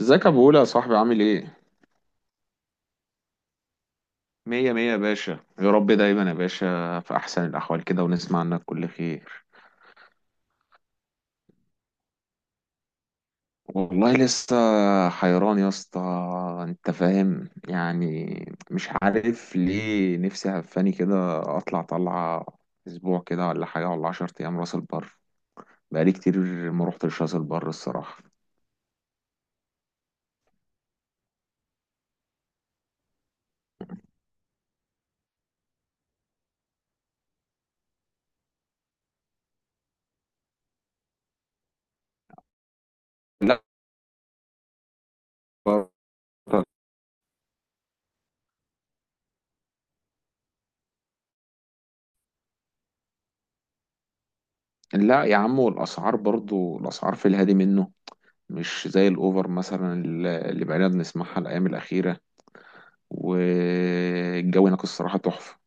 ازيك يا ابو، ولا يا صاحبي، عامل ايه؟ مية مية يا باشا. يا رب دايما يا باشا في احسن الاحوال كده، ونسمع عنك كل خير. والله لسه حيران يا اسطى، انت فاهم يعني. مش عارف ليه، نفسي هفاني كده اطلع طلعة اسبوع كده ولا حاجة، ولا 10 ايام راس البر. بقالي كتير ما روحتش راس البر الصراحة. لا. لا يا عم، والاسعار برضو، الاسعار في الهادي منه، مش زي الاوفر مثلا اللي بقينا بنسمعها الايام الاخيرة. والجو هناك الصراحة تحفة.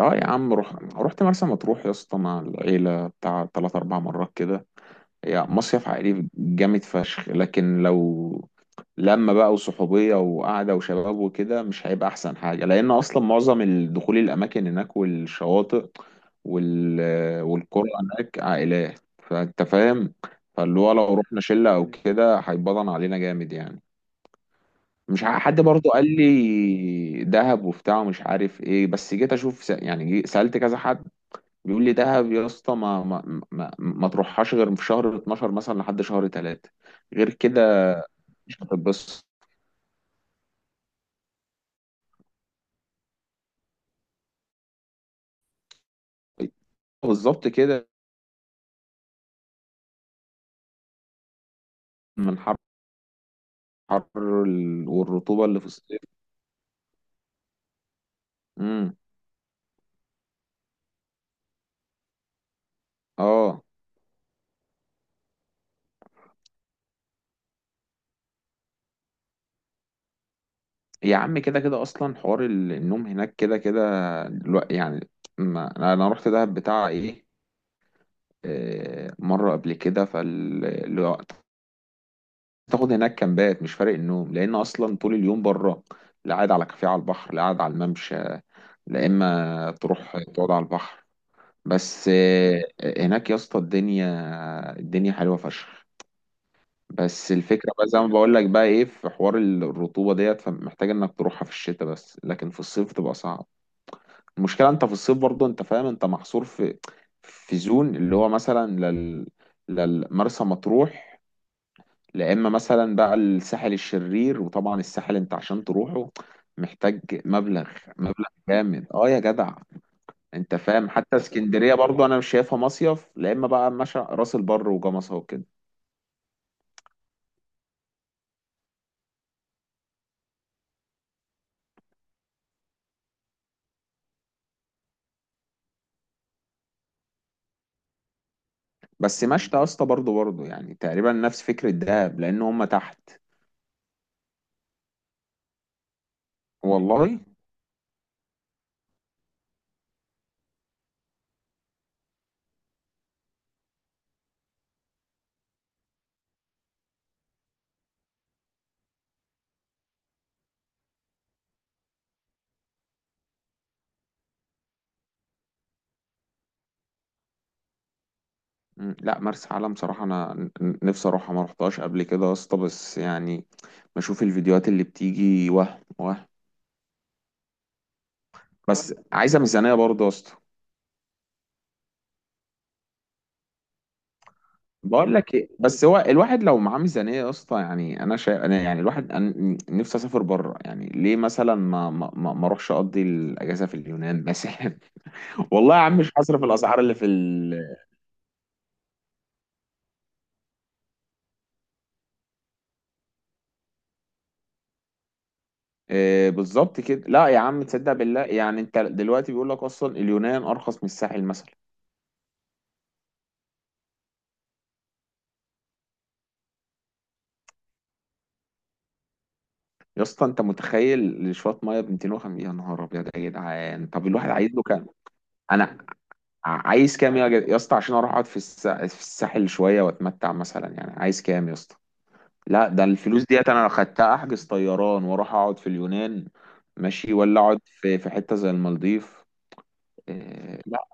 اه يا عم، روح رحت مرسى مطروح يا اسطى مع العيلة بتاع تلات أربع مرات كده. هي مصيف عائلي جامد فشخ، لكن لو لما بقى وصحوبية وقعدة وشباب وكده مش هيبقى أحسن حاجة، لأن أصلا معظم الدخول الأماكن هناك والشواطئ وال... والقرى هناك عائلات، فأنت فاهم. فاللي هو لو رحنا شلة أو كده هيبطن علينا جامد يعني. مش ع- حد برضه قال لي دهب وبتاع ومش عارف ايه، بس جيت اشوف، سألت كذا حد، بيقول لي دهب يا اسطى، ما تروحهاش غير في شهر 12 مثلا لحد شهر 3. غير كده مش هتتبسط. بالظبط كده. من حر، والرطوبة اللي في الصيف. امم. اه يا عم، كده كده اصلا حوار النوم هناك كده كده. الو- يعني ما انا أنا رحت دهب بتاع ايه، مرة قبل كده فال. تاخد هناك كامبات مش فارق النوم، لان اصلا طول اليوم بره. لا قاعد على كافيه على البحر، لا قاعد على الممشى، لا اما تروح تقعد على البحر. بس آه، هناك يا اسطى الدنيا، الدنيا حلوه فشخ. بس الفكره بقى زي ما بقول لك، بقى ايه، في حوار الرطوبه ديت، فمحتاج انك تروحها في الشتاء بس، لكن في الصيف تبقى صعب. المشكله انت في الصيف برضه، انت فاهم، انت محصور في زون، اللي هو مثلا للمرسى مطروح. لا اما مثلا بقى الساحل الشرير، وطبعا الساحل انت عشان تروحه محتاج مبلغ، مبلغ جامد، اه يا جدع. انت فاهم، حتى اسكندريه برضو انا مش شايفها مصيف، لا اما بقى مشى راس البر وجمصة وكده. بس مشت يا اسطى، برضو يعني تقريبا نفس فكره دهب لان هم تحت. والله. مم، لا مرسى علم صراحه انا نفسي اروحها، ما رحتهاش قبل كده يا اسطى، بس يعني بشوف الفيديوهات اللي بتيجي وهم وهم. بس عايزه ميزانيه برضو يا اسطى. بقول لك ايه، بس هو الواحد لو معاه ميزانيه يا اسطى، يعني انا شايف، انا يعني الواحد، أنا نفسي اسافر بره، يعني ليه مثلا ما اروحش اقضي الاجازه في اليونان مثلا؟ والله يا عم مش هصرف الاسعار اللي في آه، بالظبط كده. لا يا عم تصدق بالله، يعني انت دلوقتي بيقول لك اصلا اليونان ارخص من الساحل مثلا. يا اسطى، انت متخيل لشويه ميه ب 250؟ يا نهار ابيض يا جدعان! طب الواحد عايز له كام؟ انا عايز كام يا اسطى، عشان اروح اقعد في في الساحل شويه واتمتع مثلا؟ يعني عايز كام يا اسطى؟ لا ده الفلوس ديت انا لو خدتها احجز طيران واروح اقعد في اليونان، ماشي، ولا اقعد في حته زي المالديف. لا.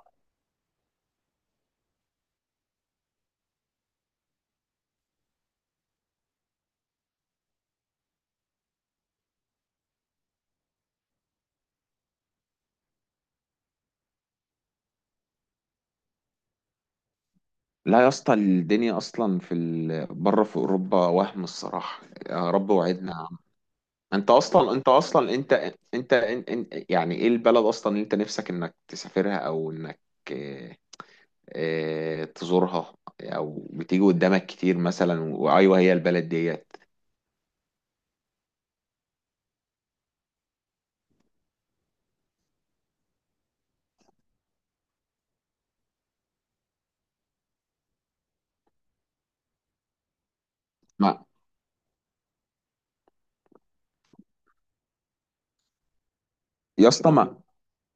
لا يا اسطى، الدنيا اصلا في بره في اوروبا وهم الصراحه. يا رب وعدنا يا عم. انت يعني ايه البلد اصلا اللي انت نفسك انك تسافرها، او انك إيه، تزورها، او بتيجي قدامك كتير مثلا، وايوه هي البلد ديت؟ ما يا اسطى ما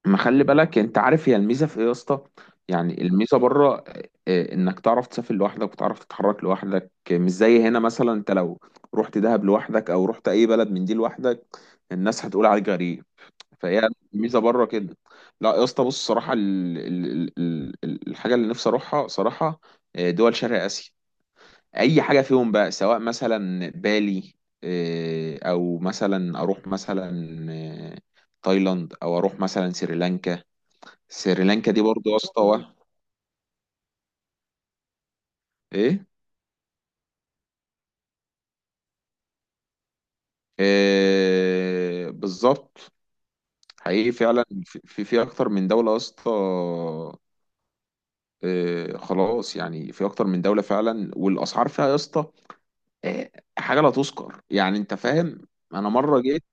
ما خلي بالك، انت عارف هي الميزه في ايه يا اسطى؟ يعني الميزه بره، انك تعرف تسافر لوحدك، وتعرف تتحرك لوحدك، مش زي هنا مثلا. انت لو رحت دهب لوحدك، او رحت اي بلد من دي لوحدك، الناس هتقول عليك غريب. فهي الميزه بره كده. لا يا اسطى، بص صراحه، الحاجه اللي نفسي اروحها صراحه دول شرق اسيا. اي حاجه فيهم بقى، سواء مثلا بالي، او مثلا اروح مثلا آه، تايلاند، او اروح مثلا سريلانكا. سريلانكا دي برضو يا اسطى وهم. ايه. آه بالظبط. حقيقي فعلا في اكتر من دوله يا اسطى. آه خلاص، يعني في اكتر من دوله فعلا. والاسعار فيها يا اسطى، آه، حاجه لا تذكر، يعني انت فاهم. انا مره جيت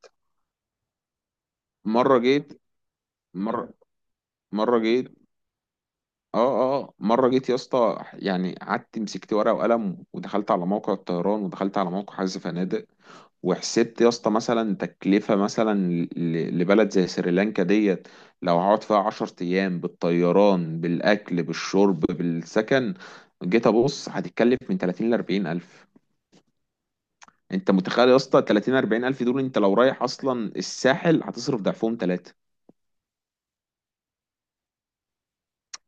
مره جيت مره مره جيت اه مره جيت يا اسطى، يعني قعدت مسكت ورقه وقلم، ودخلت على موقع الطيران، ودخلت على موقع حجز فنادق، وحسبت يا اسطى مثلا تكلفه مثلا لبلد زي سريلانكا ديت، لو هقعد فيها 10 ايام، بالطيران بالاكل بالشرب بالسكن، جيت ابص هتتكلف من 30 ل 40 الف. انت متخيل يا اسطى؟ 30 40 الف دول، انت لو رايح اصلا الساحل هتصرف ضعفهم ثلاثه.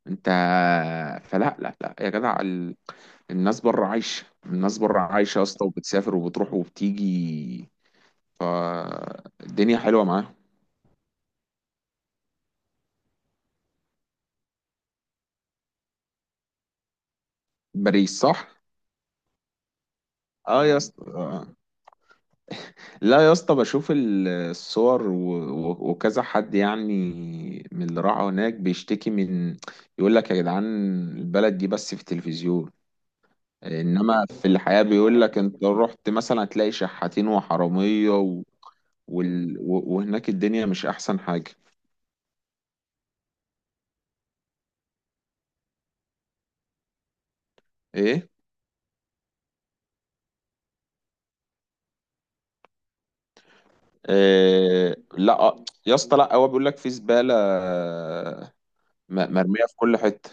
انت فلا، لا يا جدع الناس بره عايشه، الناس بره عايشه يا اسطى، وبتسافر وبتروح وبتيجي. فالدنيا حلوه معاهم. باريس صح؟ اه يا اسطى آه. لا يا اسطى، بشوف الصور وكذا حد يعني من اللي راح هناك بيشتكي، يقول لك يا جدعان، البلد دي بس في التلفزيون، انما في الحياة بيقول لك انت رحت مثلا هتلاقي شحاتين وحرامية وهناك الدنيا مش احسن حاجة. ايه. آه لا، يا اسطى لا، هو بيقول لك في زباله، مرميه في كل حته.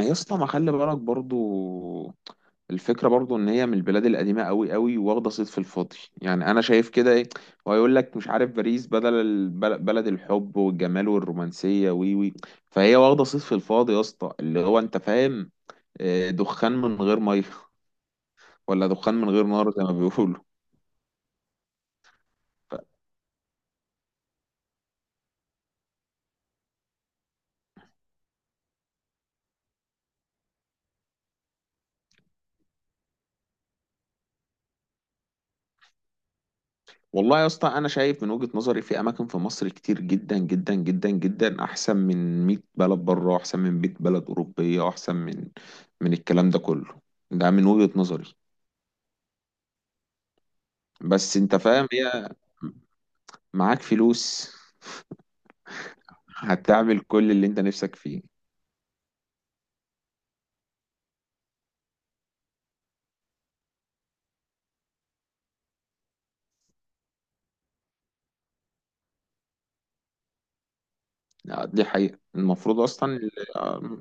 يا اسطى ما خلي بالك برضو، الفكره برضو ان هي من البلاد القديمه قوي قوي، واخده صيت في الفاضي يعني، انا شايف كده. ايه؟ ويقول لك مش عارف، باريس بدل بلد الحب والجمال والرومانسيه وي وي فهي واخده صيت في الفاضي يا اسطى، اللي هو انت فاهم. دخان من غير ميه، ولا دخان من غير نار زي ما بيقولوا. والله يا اسطى، انا شايف من وجهة نظري في اماكن في مصر كتير جدا جدا جدا جدا احسن من 100 بلد بره، احسن من 100 بلد اوروبيه، احسن من من الكلام ده كله. ده من وجهة نظري. بس انت فاهم، هي معاك فلوس هتعمل كل اللي انت نفسك فيه. دي حقيقة، المفروض اصلا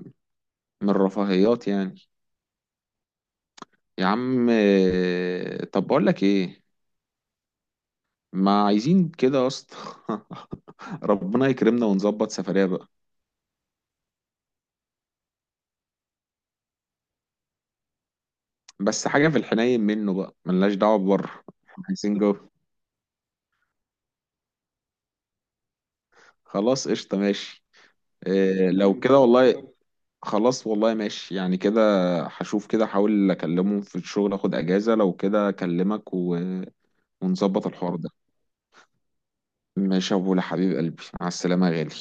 من الرفاهيات يعني. يا عم طب بقول لك ايه، ما عايزين كده يا اسطى. ربنا يكرمنا ونظبط سفرية، بس حاجة في الحنين منه بقى، ملناش دعوة ببره، احنا عايزين جوه. خلاص قشطة ماشي. إيه لو كده والله، خلاص والله، ماشي يعني كده. هشوف كده، احاول اكلمه في الشغل اخد اجازة، لو كده اكلمك ونظبط الحوار ده. ماشي يا ابو حبيب قلبي، مع السلامة يا غالي.